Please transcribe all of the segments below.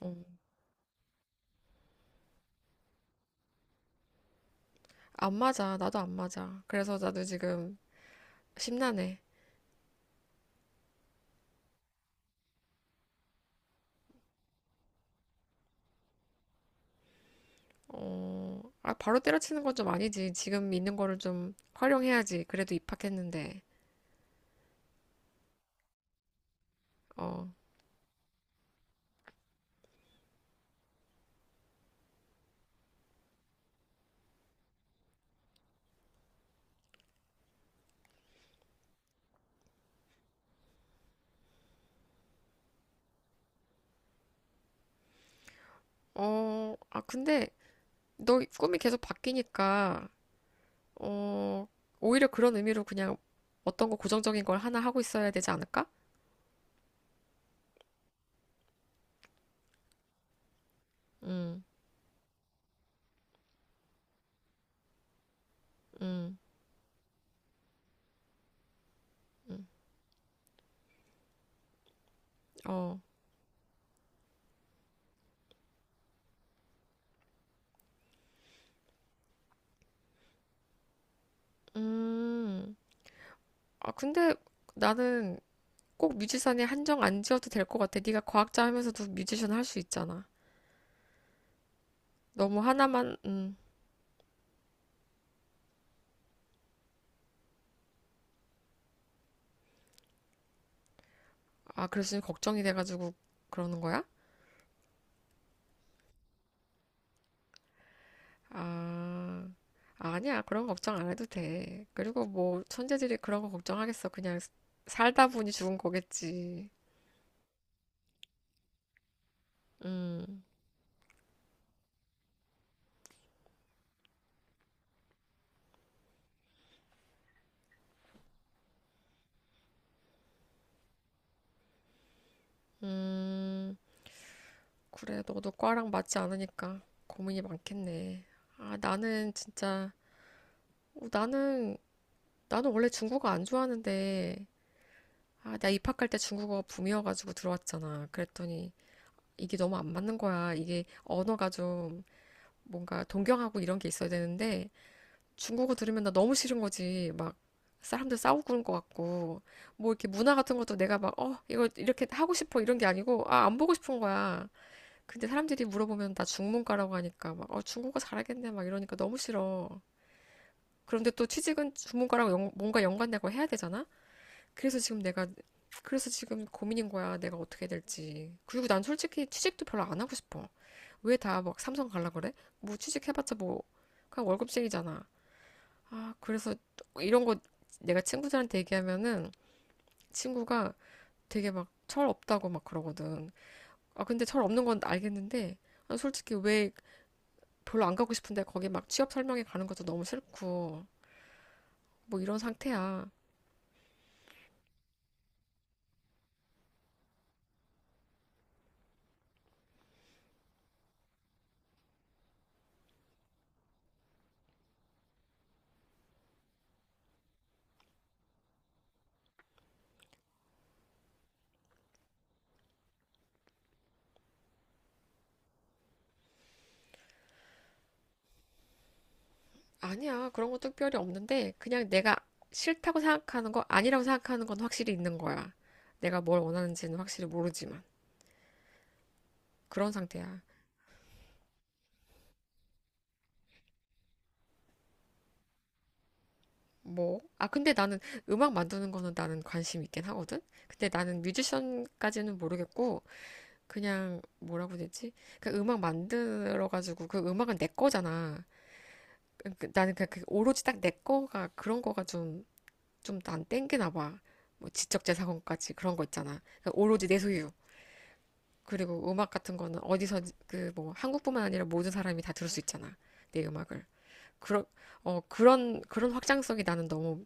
어, 안 맞아. 나도 안 맞아. 그래서 나도 지금 심란해. 어, 아, 바로 때려치는 건 좀 아니지. 지금 있는 거를 좀 활용해야지. 그래도 입학했는데. 어, 근데 너 꿈이 계속 바뀌니까, 어, 오히려 그런 의미로 그냥 어떤 거 고정적인 걸 하나 하고 있어야 되지 않을까? 음, 음, 음, 어, 음. 아, 근데 나는 꼭 뮤지션에 한정 안 지어도 될 것 같아. 네가 과학자 하면서도 뮤지션 할 수 있잖아. 너무 하나만, 아, 그래서 걱정이 돼가지고 그러는 거야? 아, 아니야. 그런 거 걱정 안 해도 돼. 그리고 뭐, 천재들이 그런 거 걱정하겠어. 그냥 살다 보니 죽은 거겠지. 음, 음. 그래, 너도 과랑 맞지 않으니까 고민이 많겠네. 아, 나는 진짜, 어, 나는, 나는 원래 중국어 안 좋아하는데, 아, 나 입학할 때 중국어 붐이어가지고 들어왔잖아. 그랬더니, 이게 너무 안 맞는 거야. 이게 언어가 좀, 뭔가 동경하고 이런 게 있어야 되는데 중국어 들으면 나 너무 싫은 거지. 막 사람들 싸우고 그런 것 같고 뭐 이렇게 문화 같은 것도 내가 막 이거 이렇게 하고 싶어 이런 게 아니고 아, 안 보고 싶은 거야. 근데 사람들이 물어보면 나 중문과라고 하니까 막 중국어 잘하겠네 막 이러니까 너무 싫어. 그런데 또 취직은 중문과랑 뭔가 연관되고 해야 되잖아? 그래서 지금 내가 그래서 지금 고민인 거야. 내가 어떻게 해야 될지. 그리고 난 솔직히 취직도 별로 안 하고 싶어. 왜 다 막 삼성 갈라 그래? 뭐 취직해봤자 뭐 그냥 월급쟁이잖아. 아, 그래서 이런 거 내가 친구들한테 얘기하면은 친구가 되게 막 철 없다고 막 그러거든. 아, 근데 철 없는 건 알겠는데 아, 솔직히 왜 별로 안 가고 싶은데 거기 막 취업 설명회 가는 것도 너무 싫고 뭐 이런 상태야. 아니야, 그런 것도 특별히 없는데 그냥 내가 싫다고 생각하는 거 아니라고 생각하는 건 확실히 있는 거야. 내가 뭘 원하는지는 확실히 모르지만 그런 상태야. 뭐? 아, 근데 나는 음악 만드는 거는 나는 관심 있긴 하거든? 근데 나는 뮤지션까지는 모르겠고, 그냥 뭐라고 해야 되지? 그 음악 만들어가지고, 그 음악은 내 거잖아. 나는 그냥 그 오로지 딱 내 거가 그런 거가 좀, 좀난 땡기나 봐. 뭐 지적재산권까지 그런 거 있잖아. 그러니까 오로지 내 소유. 그리고 음악 같은 거는 어디서 그 뭐 한국뿐만 아니라 모든 사람이 다 들을 수 있잖아. 내 음악을. 그런, 그런 확장성이 나는 너무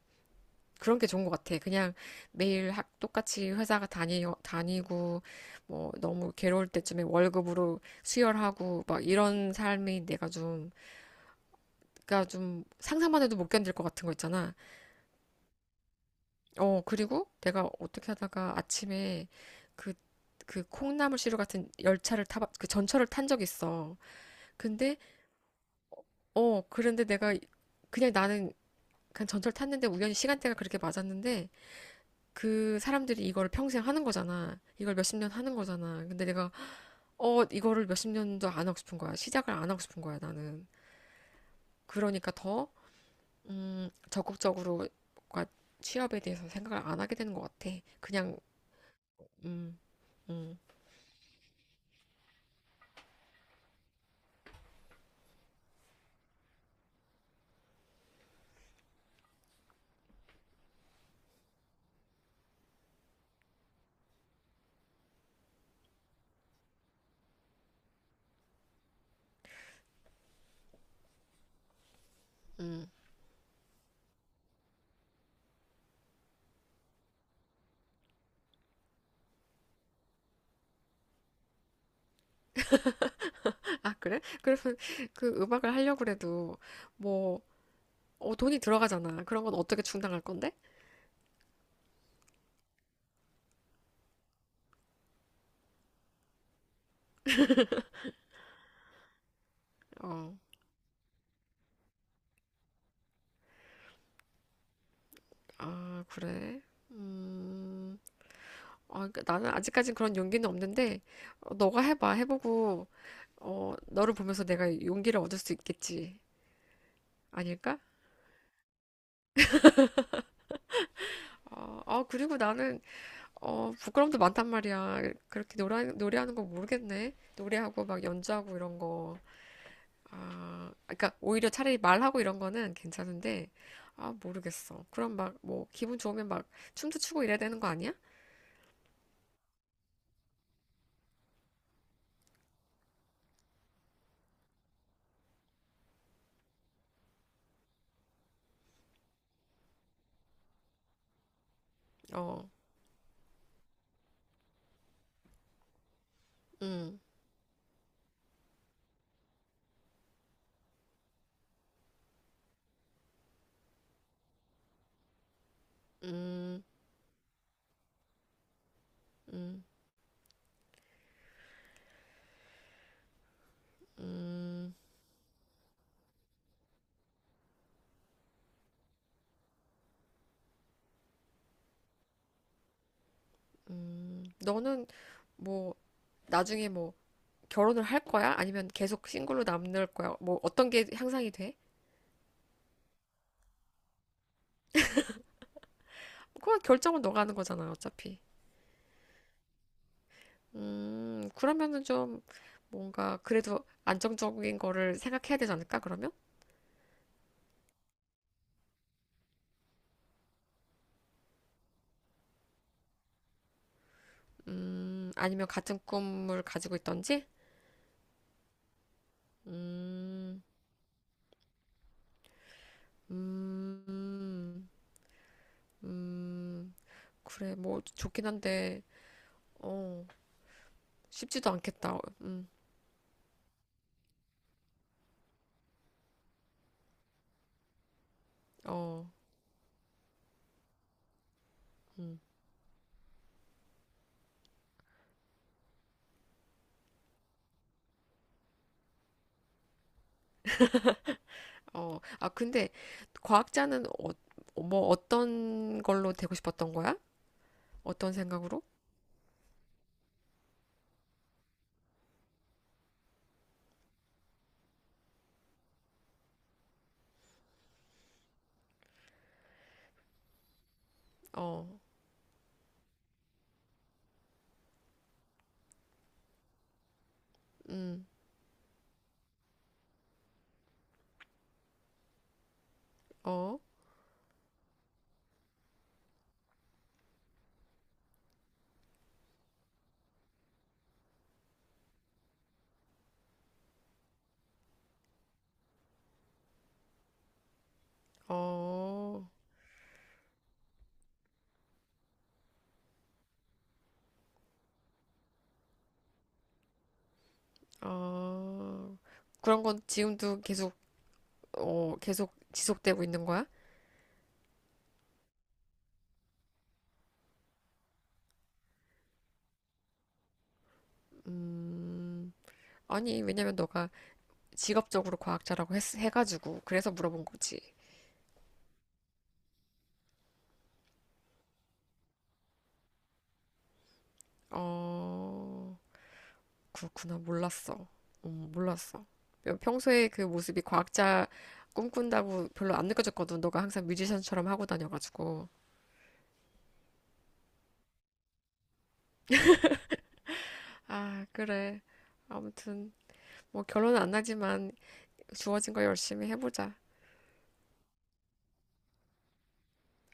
그런 게 좋은 것 같아. 그냥 매일 똑같이 회사가 다니고, 뭐, 너무 괴로울 때쯤에 월급으로 수혈하고, 막 이런 삶이 내가 좀, 그니까 좀 상상만 해도 못 견딜 것 같은 거 있잖아. 그리고 내가 어떻게 하다가 아침에 그, 그 콩나물 시루 같은 열차를 그 전철을 탄 적이 있어. 근데, 그런데 내가 그냥 나는 그냥 전철 탔는데 우연히 시간대가 그렇게 맞았는데, 그 사람들이 이걸 평생 하는 거잖아. 이걸 몇십 년 하는 거잖아. 근데 내가, 이거를 몇십 년도 안 하고 싶은 거야. 시작을 안 하고 싶은 거야, 나는. 그러니까 더, 적극적으로, 뭔가 취업에 대해서 생각을 안 하게 되는 것 같아. 그냥, 음, 음, 음. 아, 그래? 그러면 그 음악을 하려고 그래도, 뭐, 돈이 들어가잖아. 그런 건 어떻게 충당할 건데? 어, 아, 그래? 음. 아, 그러니까 나는 아직까진 그런 용기는 없는데, 너가 해봐. 해보고, 너를 보면서 내가 용기를 얻을 수 있겠지. 아닐까? 그리고 나는, 부끄럼도 많단 말이야. 그렇게 노래하는 거 모르겠네. 노래하고 막 연주하고 이런 거. 아, 그러니까 오히려 차라리 말하고 이런 거는 괜찮은데, 아, 모르겠어. 그럼 막, 뭐, 기분 좋으면 막 춤도 추고 이래야 되는 거 아니야? 어, 음, 음, 음, 음, 너는 뭐, 나중에 뭐 결혼을 할 거야? 아니면 계속 싱글로 남을 거야? 뭐 어떤 게 향상이 돼? 그건 결정은 너가 하는 거잖아, 어차피. 그러면은 좀 뭔가 그래도 안정적인 거를 생각해야 되지 않을까, 그러면? 아니면 같은 꿈을 가지고 있던지? 음, 음, 음, 그래, 뭐 좋긴 한데, 어, 쉽지도 않겠다. 어, 음. 어, 아, 근데 과학자는 뭐 어떤 걸로 되고 싶었던 거야? 어떤 생각으로? 어, 음, 어, 어, 어. 그런 건 지금도 계속, 계속 지속되고 있는 거야? 음, 아니, 왜냐면 너가 직업적으로 과학자라고 해가지고, 그래서 물어본 거지. 어, 그렇구나. 몰랐어. 몰랐어. 평소에 그 모습이 과학자 꿈꾼다고 별로 안 느껴졌거든. 너가 항상 뮤지션처럼 하고 다녀가지고. 아, 그래. 아무튼, 뭐 결론은 안 나지만 주어진 거 열심히 해보자.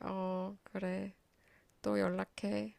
어, 그래. 또 연락해.